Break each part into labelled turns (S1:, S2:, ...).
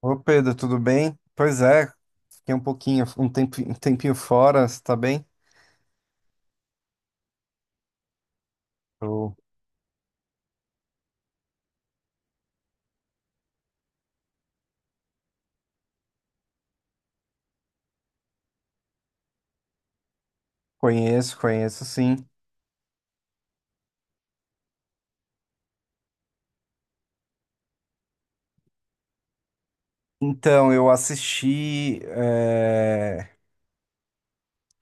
S1: Ô Pedro, tudo bem? Pois é, fiquei um pouquinho, um tempinho fora, você tá bem? Eu Conheço, conheço sim. Então, eu assisti,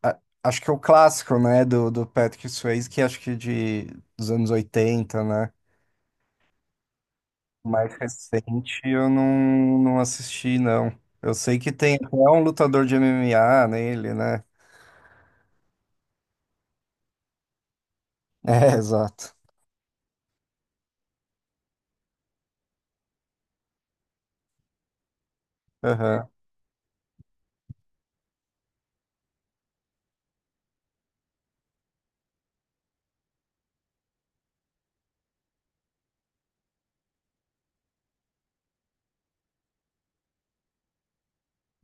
S1: a- acho que é o clássico, né, do Patrick Swayze, que acho que é dos anos 80, né? Mais recente eu não assisti, não. Eu sei que tem até um lutador de MMA nele, né? É, exato. Aham,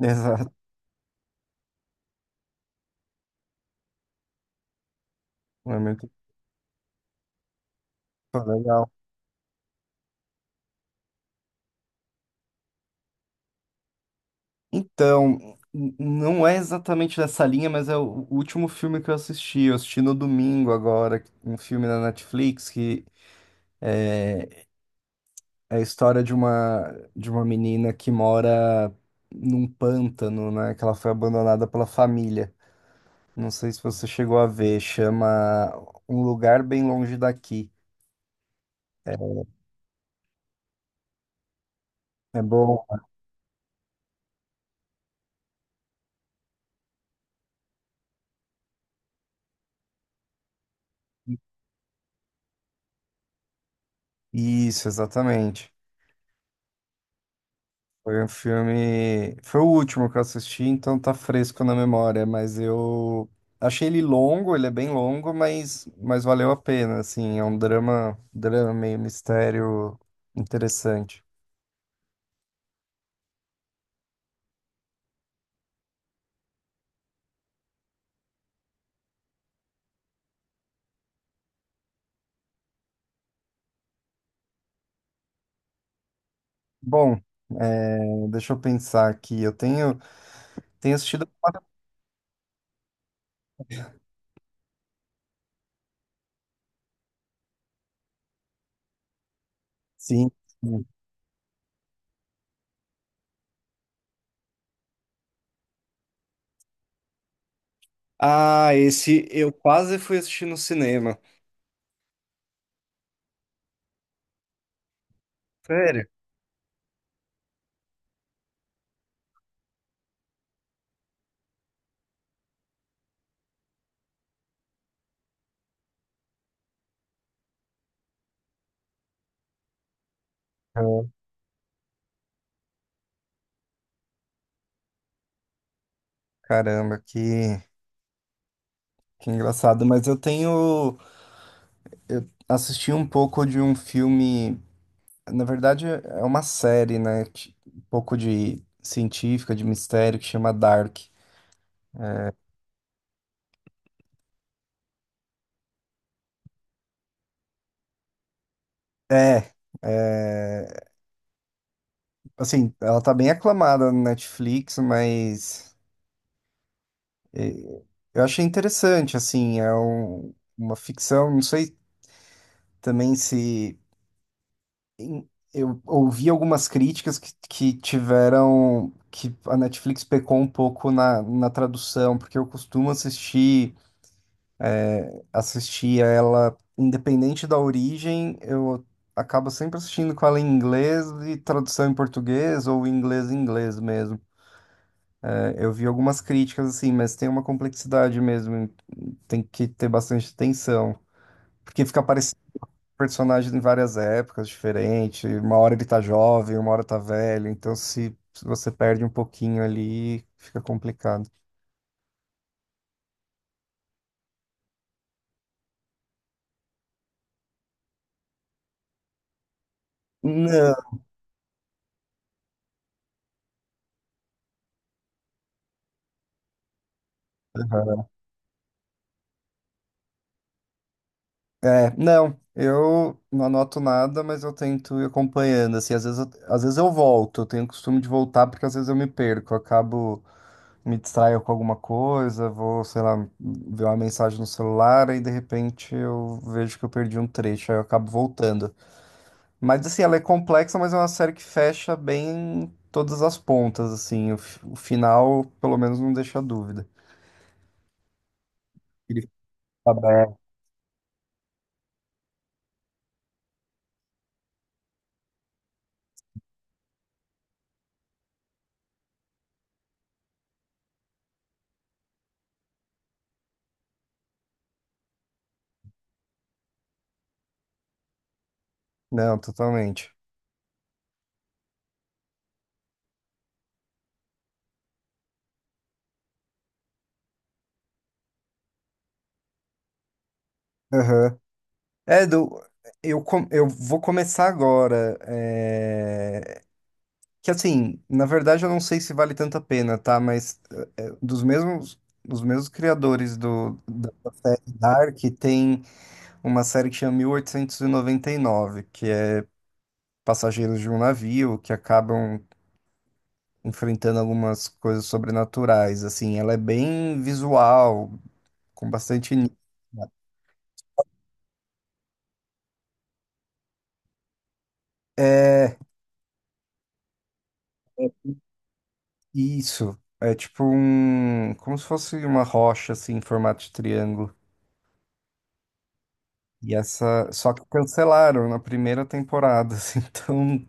S1: exato. É muito legal. Então, não é exatamente nessa linha, mas é o último filme que eu assisti. Eu assisti no domingo agora, um filme na Netflix que é, é a história de uma menina que mora num pântano, né? Que ela foi abandonada pela família. Não sei se você chegou a ver, chama Um Lugar Bem Longe Daqui. É é bom. Isso, exatamente. Foi um filme. Foi o último que eu assisti, então tá fresco na memória, mas eu achei ele longo, ele é bem longo, mas valeu a pena, assim, é um drama, drama meio mistério interessante. Bom, é, deixa eu pensar aqui. Tenho assistido. Sim. Sim. Ah, esse eu quase fui assistir no cinema. Sério? É. Caramba, que engraçado. Mas eu tenho. Eu assisti um pouco de um filme. Na verdade, é uma série, né? Um pouco de científica, de mistério, que chama Dark. É, é, assim, ela tá bem aclamada no Netflix, mas eu achei interessante, assim, uma ficção, não sei também se em- eu ouvi algumas críticas que tiveram que a Netflix pecou um pouco na tradução, porque eu costumo assistir. Assistia ela, independente da origem, eu acabo sempre assistindo com ela em inglês e tradução em português ou inglês em inglês mesmo. É, eu vi algumas críticas assim, mas tem uma complexidade mesmo, tem que ter bastante atenção, porque fica aparecendo personagem em várias épocas diferentes, uma hora ele tá jovem, uma hora tá velho, então se você perde um pouquinho ali, fica complicado. Não. É, não, eu não anoto nada, mas eu tento ir acompanhando, assim, às vezes eu volto, eu tenho o costume de voltar porque às vezes eu me perco, eu acabo, me distraio com alguma coisa, vou, sei lá, ver uma mensagem no celular e de repente eu vejo que eu perdi um trecho, aí eu acabo voltando. Mas, assim, ela é complexa, mas é uma série que fecha bem todas as pontas, assim, o final, pelo menos, não deixa dúvida. Ele fica aberto. Não, totalmente. Aham. É, do, eu, eu vou começar agora. É, que assim, na verdade eu não sei se vale tanto a pena, tá? Mas é, dos mesmos criadores da série Dark, tem uma série que chama 1899 que é passageiros de um navio que acabam enfrentando algumas coisas sobrenaturais. Assim, ela é bem visual, com bastante. É, isso. É tipo um. Como se fosse uma rocha, assim, em formato de triângulo. E essa. Só que cancelaram na primeira temporada, assim. Então,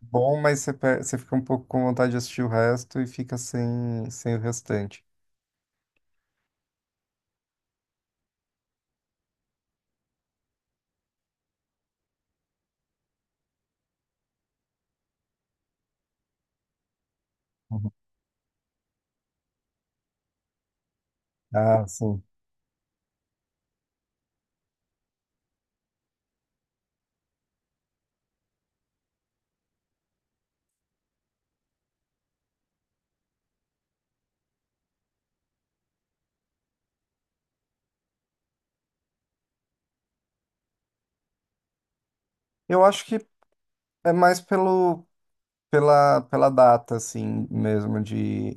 S1: bom, mas você fica um pouco com vontade de assistir o resto e fica sem, sem o restante. Uhum. Ah, sim. Eu acho que é mais pela data, assim, mesmo, de,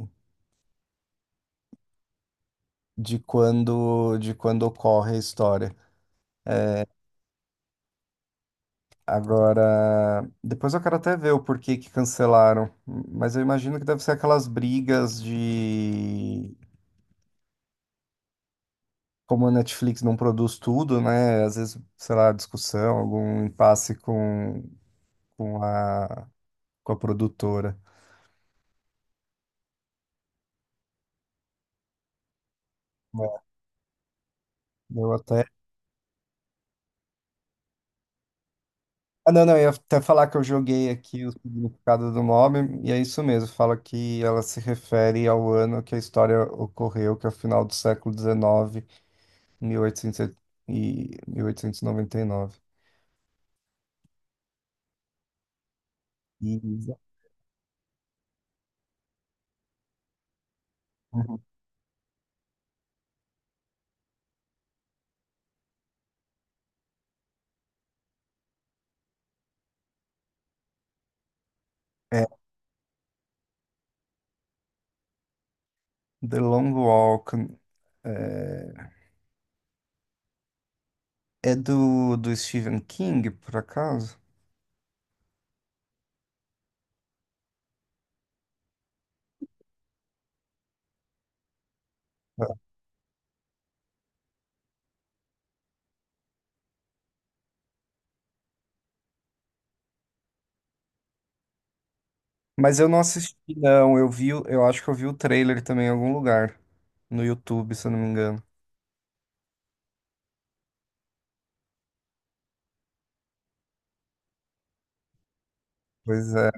S1: de quando, de quando ocorre a história. Agora, depois eu quero até ver o porquê que cancelaram, mas eu imagino que deve ser aquelas brigas de como a Netflix não produz tudo, né? Às vezes, sei lá, discussão, algum impasse com a, com a produtora. Né, eu até. Ah, não, não, eu ia até falar que eu joguei aqui o significado do nome, e é isso mesmo, fala que ela se refere ao ano que a história ocorreu, que é o final do século dezenove, mil oitocentos 1899 Isa. Uhum. É, The Long Walk. É, é do Stephen King, por acaso? É. Mas eu não assisti, não. Eu vi, eu acho que eu vi o trailer também em algum lugar. No YouTube, se eu não me engano. Pois é.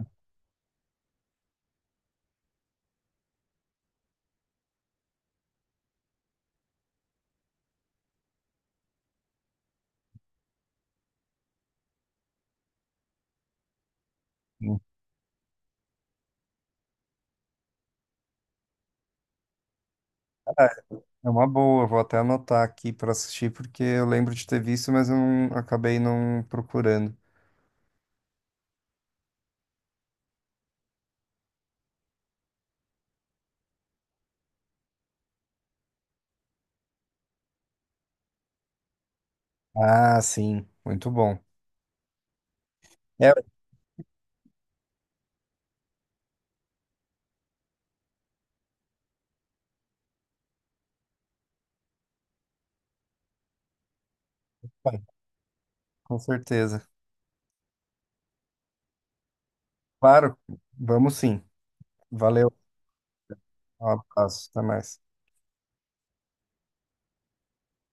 S1: Ah, é uma boa, vou até anotar aqui para assistir, porque eu lembro de ter visto, mas eu não, acabei não procurando. Ah, sim, muito bom. É, com certeza. Claro, vamos sim. Valeu, um abraço, até mais.